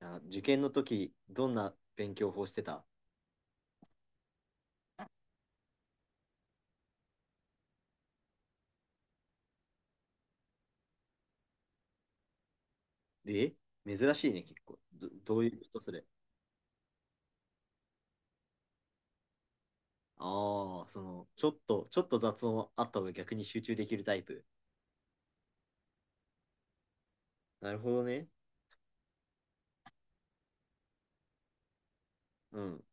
あ、受験の時、どんな勉強法してた？で、珍しいね、結構。どういうことそれ？ああ、その、ちょっと雑音あった方が逆に集中できるタイプ？なるほどね。うん。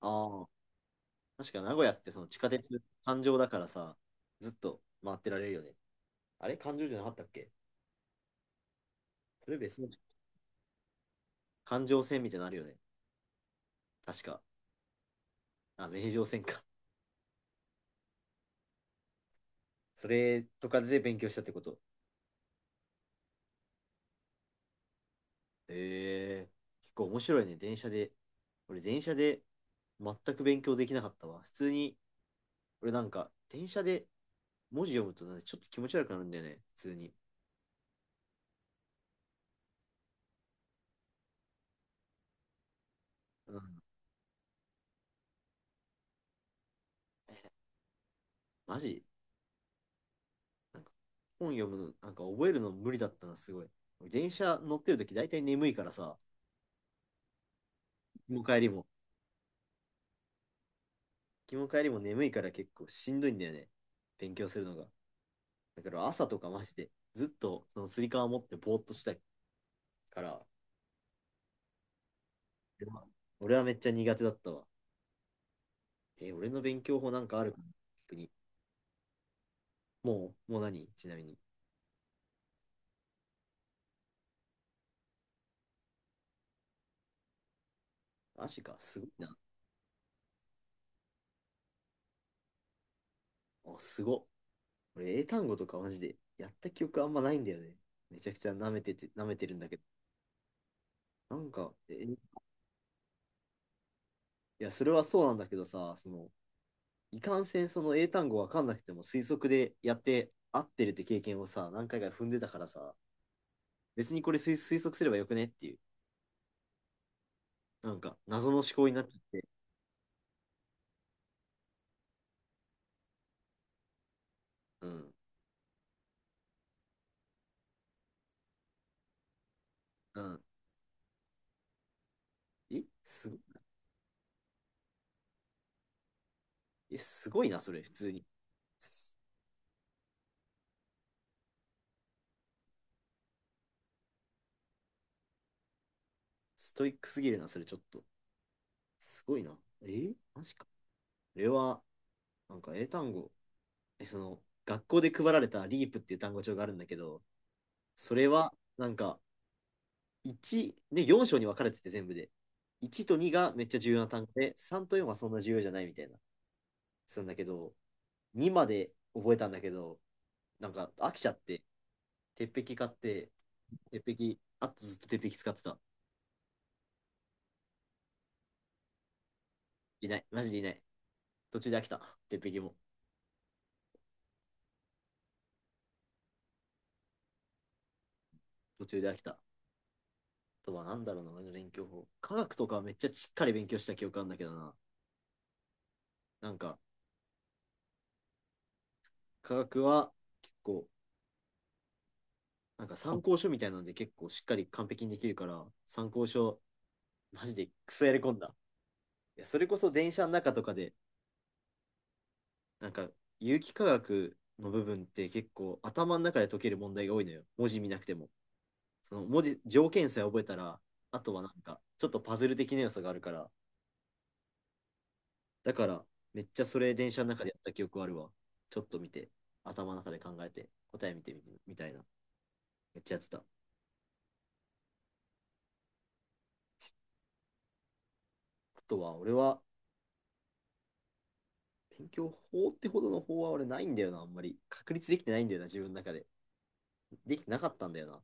ああ、確か名古屋ってその地下鉄、環状だからさ、ずっと回ってられるよね。あれ環状じゃなかったっけ？それ別の環状線みたいなのあるよね。確か。あ、名城線か。それとかで勉強したってこと？ええ、結構面白いね、電車で。俺、電車で全く勉強できなかったわ、普通に。俺なんか、電車で文字読むとなんかちょっと気持ち悪くなるんだよね、普通に。うん。え、マジ？なんか、本読むの、なんか覚えるの無理だったな、すごい。俺電車乗ってるとき大体眠いからさ、行きも帰りも眠いから結構しんどいんだよね、勉強するのが。だから朝とかマジで、ずっとそのつり革持ってぼーっとしたいから、俺は俺はめっちゃ苦手だったわ。俺の勉強法なんかあるかな、逆に。もう何、ちなみに？マジか、すごいな。あ、すごっ。俺、英単語とかマジでやった記憶あんまないんだよね。めちゃくちゃ舐めてて、舐めてるんだけど。なんか、いや、それはそうなんだけどさ、その、いかんせんその英単語わかんなくても推測でやって合ってるって経験をさ、何回か踏んでたからさ、別にこれ推測すればよくねっていう、なんか謎の思考になっちゃって。うん。うん。え、すご、え、すごいな、それ、普通に。ストイックすぎるな、それちょっと。すごいな。マジか。これは、なんか英単語、その、学校で配られたリープっていう単語帳があるんだけど、それは、なんか、1、ね、4章に分かれてて全部で。1と2がめっちゃ重要な単語で、3と4はそんな重要じゃないみたいな、するんだけど、2まで覚えたんだけど、なんか飽きちゃって、鉄壁買って、鉄壁、あとずっと鉄壁使ってた。いない。マジでいない。途中で飽きた、鉄壁も。途中で飽きた。とはなんだろうな、俺の勉強法。科学とかはめっちゃしっかり勉強した記憶あるんだけどな。なんか、科学は結構、なんか参考書みたいなので結構しっかり完璧にできるから、参考書、マジでクソやり込んだ。いや、それこそ電車の中とかで、なんか、有機化学の部分って結構頭の中で解ける問題が多いのよ、文字見なくても。その文字、条件さえ覚えたら、あとはなんか、ちょっとパズル的な要素があるから、だから、めっちゃそれ電車の中でやった記憶あるわ。ちょっと見て、頭の中で考えて、答え見てみてみたいな。めっちゃやってた。あとは、俺は、勉強法ってほどの法は俺ないんだよな、あんまり。確立できてないんだよな、自分の中で。できてなかったんだよな。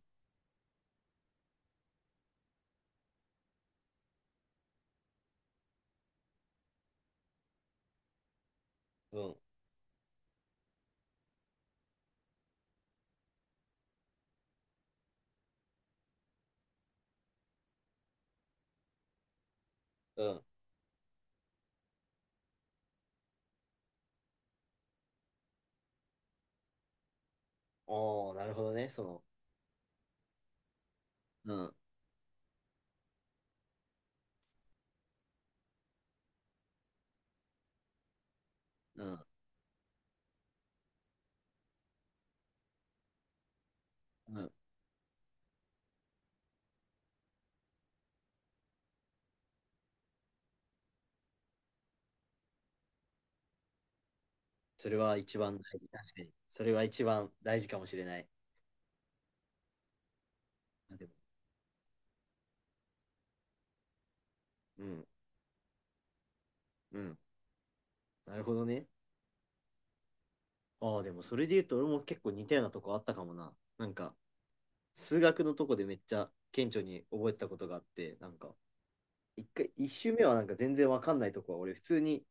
うん、うん。おー、なるほどね、その。うん、うん、うん。それは一番大事、確かに。それは一番大事かもしれない。あ、でも、うん、うん。なるほどね。ああ、でもそれで言うと俺も結構似たようなとこあったかもな。なんか、数学のとこでめっちゃ顕著に覚えてたことがあって、なんか、一周目はなんか全然わかんないとこは、俺普通に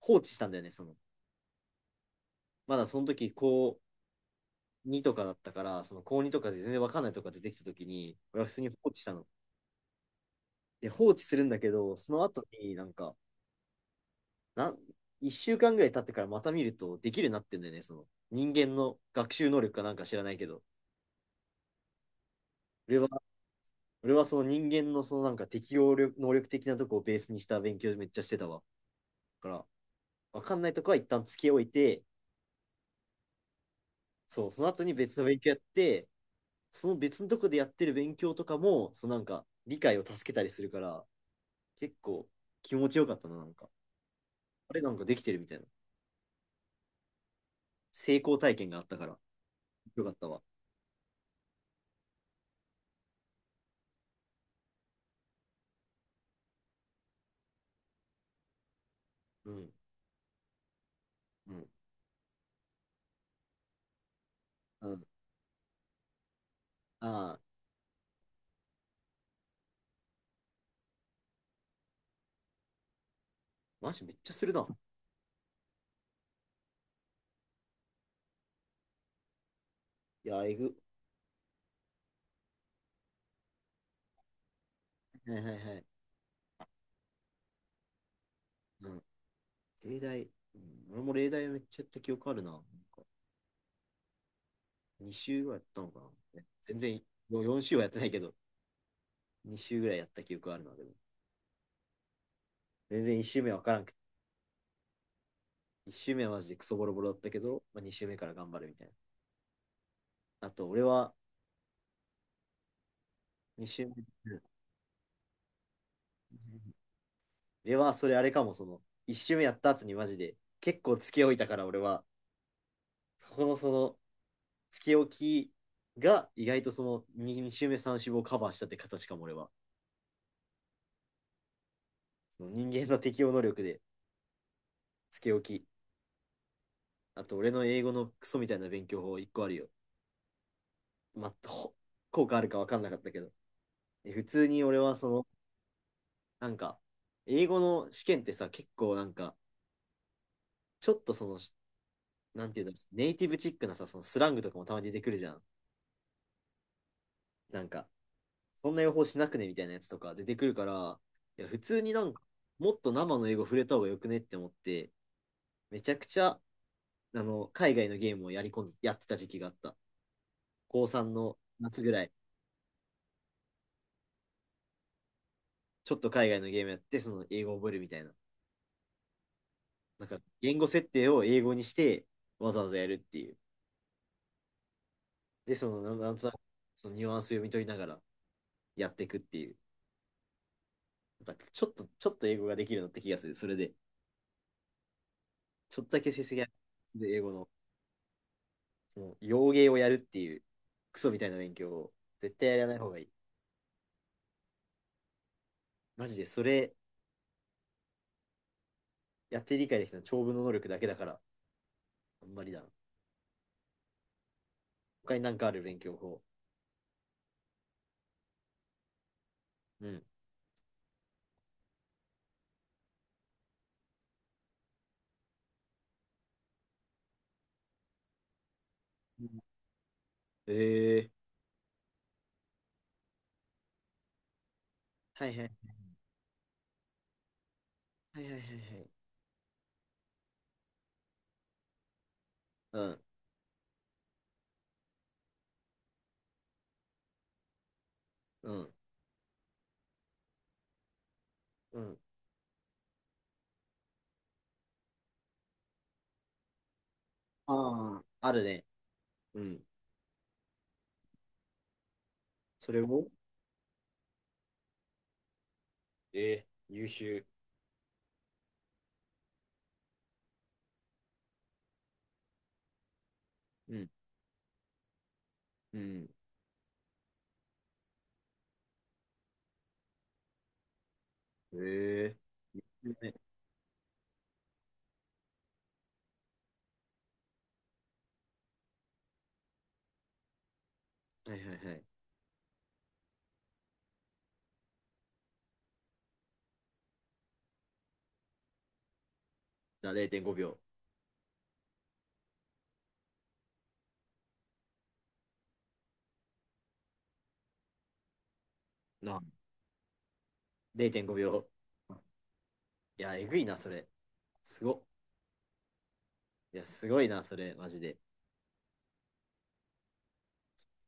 放置したんだよね、その。まだその時、高2とかだったから、その高2とかで全然わかんないとこが出てきた時に、俺は普通に放置したの。で、放置するんだけど、その後になんか、なん、一週間ぐらい経ってからまた見ると、できるようになってんだよね、その。人間の学習能力かなんか知らないけど。俺は、俺はその人間のそのなんか適応力能力的なとこをベースにした勉強めっちゃしてたわ。だから、わかんないとこは一旦つけおいて、そう、その後に別の勉強やって、その別のとこでやってる勉強とかも、そのなんか理解を助けたりするから、結構気持ちよかったな、なんか。あれ、なんかできてるみたいな。成功体験があったから、よかったわ。うん、うん、うん。ああ、マジめっちゃするな。いや、えぐ。はいはいはい。うん、例題、うん、俺も例題めっちゃやった記憶あるな。なんか2週ぐらいやったのかな。全然、4週はやってないけど、2週ぐらいやった記憶あるな、でも。全然1週目わからん。1周目はマジでクソボロボロだったけど、まあ、2周目から頑張るみたいな。あと、俺は2周目。俺はそれあれかも、その、1周目やった後にマジで、結構つけ置いたから俺は、そこのその、つけ置きが意外とその 2, 周目3周目をカバーしたって形かも俺は。その人間の適応能力で、つけ置き。あと、俺の英語のクソみたいな勉強法1個あるよ。まあ、効果あるか分かんなかったけど。普通に俺はその、なんか、英語の試験ってさ、結構なんか、ちょっとその、なんていうんだろう、ネイティブチックなさ、そのスラングとかもたまに出てくるじゃん。なんか、そんな予報しなくねみたいなやつとか出てくるから、いや、普通になんか、もっと生の英語触れた方がよくねって思って、めちゃくちゃ、海外のゲームをやり込んで、やってた時期があった。高3の夏ぐらい、ちょっと海外のゲームやって、その英語を覚えるみたいな。なんか、言語設定を英語にして、わざわざやるっていう。で、その、なんなんとなく、そのニュアンス読み取りながらやっていくっていう。なんかちょっと英語ができるようになった気がする、それで。ちょっとだけ成績が、で英語の、もう、洋芸をやるっていう、クソみたいな勉強を、絶対やらない方がいい。マジで、それ、やって理解できたの長文の能力だけだから、あんまりだな。他になんかある勉強法？うん。えーはいはいはいはいはいはい。うん。うん。うん。ああ、あるね。うん。それを、ええ、優秀。うん。うん。えー優秀ね、はいはいはい。0.5秒。な、0.5秒。いや、えぐいな、それ。すごっ。いや、すごいな、それ、マジで。